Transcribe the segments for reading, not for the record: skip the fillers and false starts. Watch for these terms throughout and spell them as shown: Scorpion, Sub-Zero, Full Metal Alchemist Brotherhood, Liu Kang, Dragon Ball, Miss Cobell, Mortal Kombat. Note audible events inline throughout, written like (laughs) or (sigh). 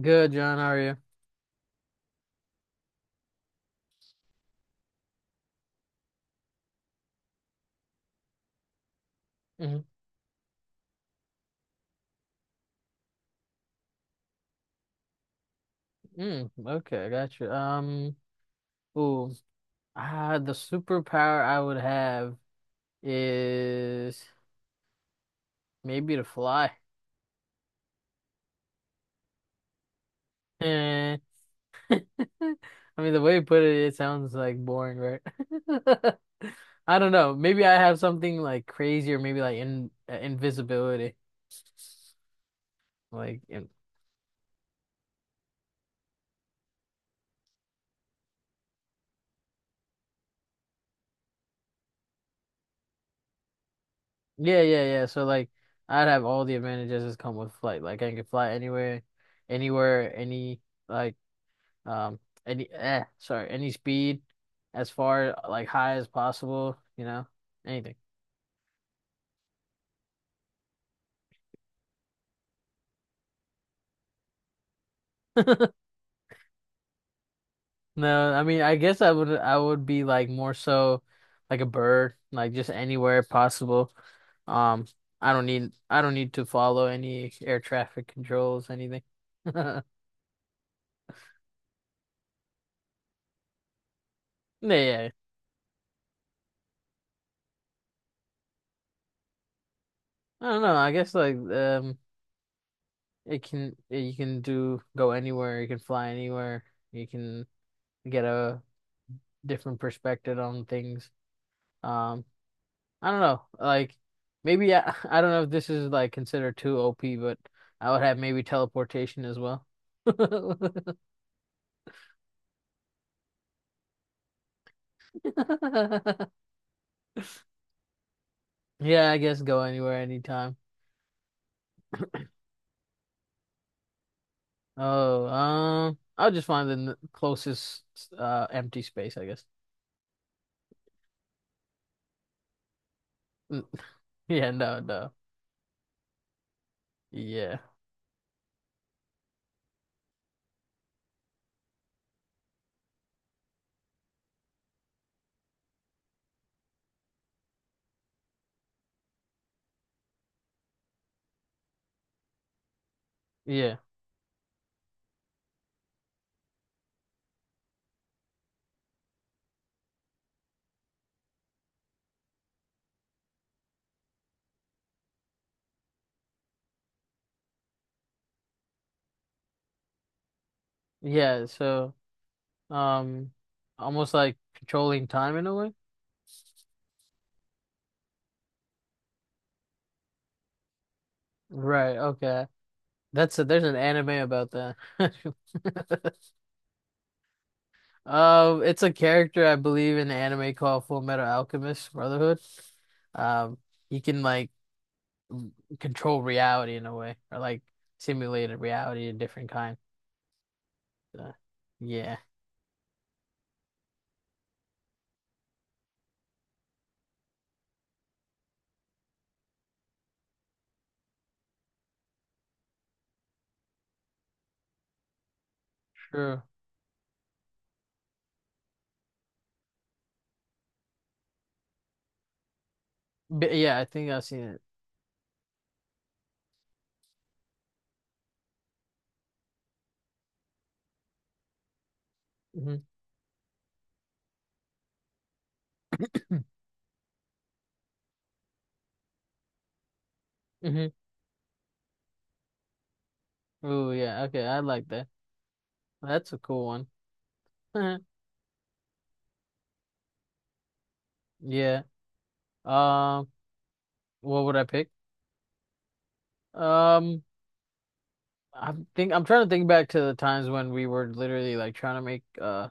Good, John. How are you? Mhm. Mm, okay, I got you. Ooh, the superpower I would have is maybe to fly. Eh. (laughs) I mean, the way you put it, it sounds like boring, right? (laughs) I don't know. Maybe I have something like crazy, or maybe like in invisibility. Like, in, yeah, yeah, yeah. So like, I'd have all the advantages that come with flight. Like, I can fly anywhere, anywhere, like Um, any sorry, any speed as far like high as possible, you know, anything. (laughs) No, I mean, I guess I would be like more so like a bird, like just anywhere possible. Um, I don't need to follow any air traffic controls, anything. (laughs) Yeah, yeah. I don't know. I guess it can you can do go anywhere, you can fly anywhere, you can get a different perspective on things. Um, I don't know. Like maybe I, (laughs) I don't know if this is like considered too OP, but I would have maybe teleportation as well. (laughs) Yeah, I guess go anywhere anytime. Oh, I'll just find the closest empty space, I guess. Mm, (laughs) Yeah, no, no. Yeah. Yeah. Yeah, so um almost like controlling time in a way. Right, okay. There's an anime about that. (laughs) It's a character I believe in the anime called Full Metal Alchemist Brotherhood. Um, he can m- control reality in a way, or like simulate a reality a different kind. So, yeah, sure. But yeah, I think I've seen it. Mm-hmm. Hmm. Oh yeah, okay, I like that. That's a cool one. (laughs) Yeah. Um, what would I pick? Um. I think I'm trying to think back to the times when we were literally like trying to make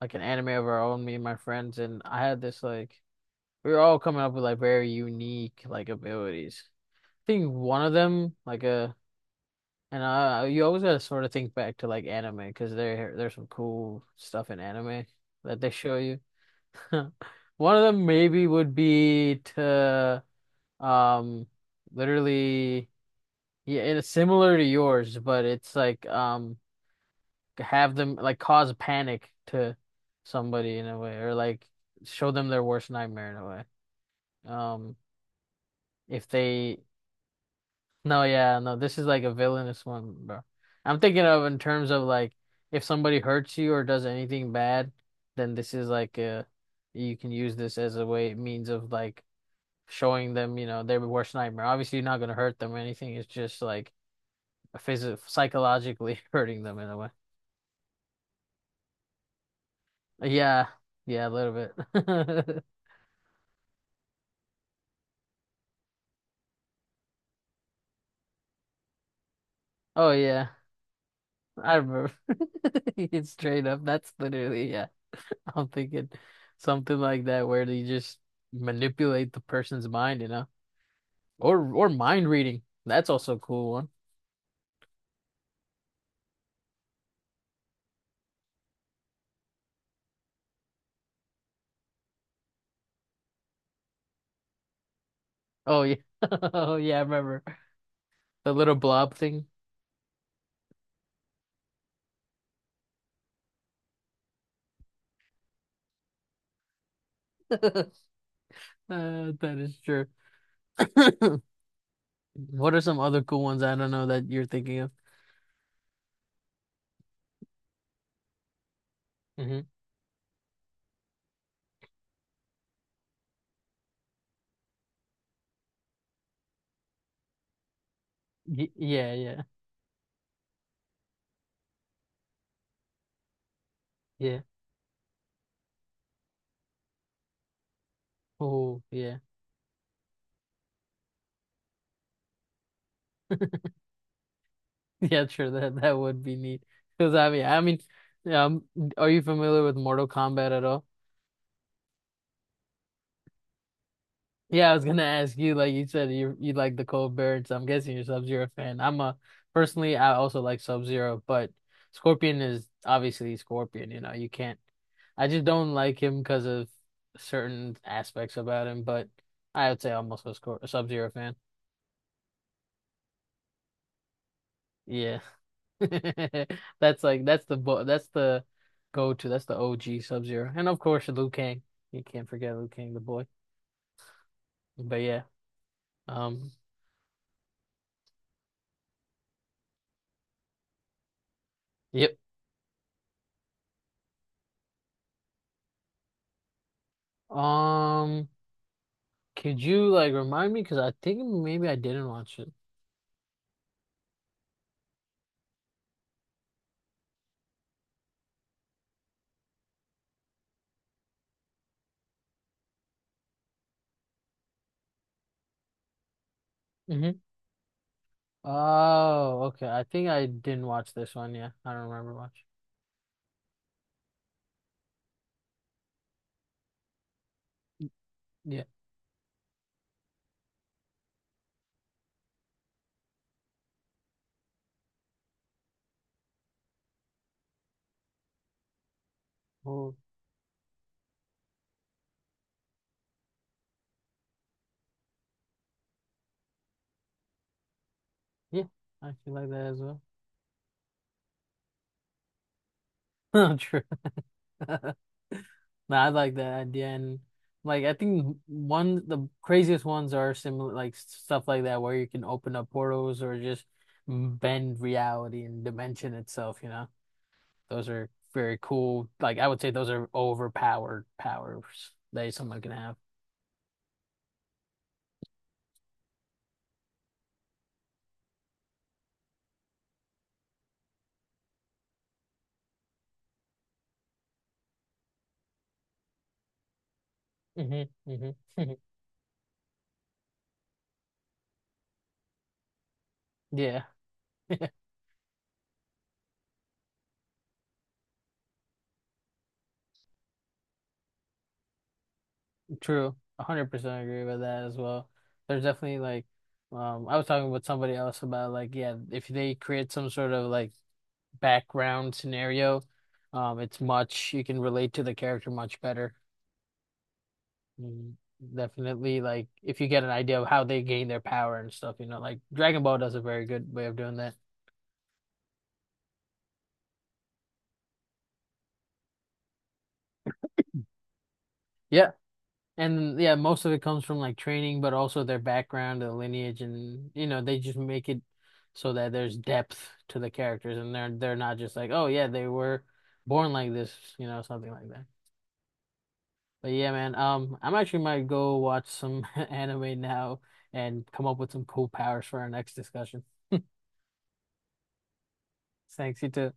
like an anime of our own, me and my friends, and I had this like we were all coming up with like very unique like abilities. I think one of them like a and you always gotta sort of think back to like anime because there's some cool stuff in anime that they show you. (laughs) One of them maybe would be to um literally yeah, and it's similar to yours, but it's like have them like cause panic to somebody in a way, or like show them their worst nightmare in a way. Um, if they, no, yeah, no, this is like a villainous one, bro. I'm thinking of in terms of like if somebody hurts you or does anything bad, then this is like a you can use this as a way means of like showing them, you know, their worst nightmare. Obviously, you're not gonna hurt them or anything. It's just like a phys psychologically (laughs) hurting them in a way. Yeah, yeah, a little bit. (laughs) Oh yeah. I remember. (laughs) It's straight up. That's literally, yeah. I'm thinking something like that where they just manipulate the person's mind, you know? Or mind reading. That's also a cool one. Oh yeah. (laughs) Oh yeah, I remember. The little blob thing. (laughs) That is true. (coughs) What are some other cool ones I don't know that you're thinking of? Hmm. Y yeah, yeah. Yeah. Oh, yeah. (laughs) Yeah, sure. That that would be neat. Because um, are you familiar with Mortal Kombat at all? Yeah, I was gonna ask you. Like you said, you like the Cold Bear, so I'm guessing you're Sub-Zero fan. I'm a personally, I also like Sub-Zero, but Scorpion is obviously Scorpion. You know, you can't. I just don't like him because of certain aspects about him. But I would say almost a Sub-Zero fan. Yeah. (laughs) That's like that's the go-to. That's the OG Sub-Zero. And of course Liu Kang. You can't forget Liu Kang, the boy. But yeah. Um yep. Um could you like remind me? Because I think maybe I didn't watch it. Hmm. Oh, okay. I think I didn't watch this one, yeah. I don't remember much. Yeah. Well, yeah. I feel like that as well. (laughs) True. (laughs) No, I like that idea, and like I think one the craziest ones are similar like stuff like that where you can open up portals or just bend reality and dimension itself. You know, those are very cool. Like I would say those are overpowered powers that someone can have. Hmm. Hmm. (laughs) Yeah, (laughs) true. 100% agree with that as well. There's definitely like, I was talking with somebody else about like, yeah, if they create some sort of like background scenario. It's much you can relate to the character much better. Mm. Definitely, like if you get an idea of how they gain their power and stuff, you know, like Dragon Ball does a very good way of doing that. Yeah. And yeah, most of it comes from like training, but also their background, their lineage, and you know, they just make it so that there's depth to the characters and they're not just like, oh yeah, they were born like this, you know, something like that. But yeah, man, I'm actually might go watch some (laughs) anime now and come up with some cool powers for our next discussion. (laughs) Thanks, you too.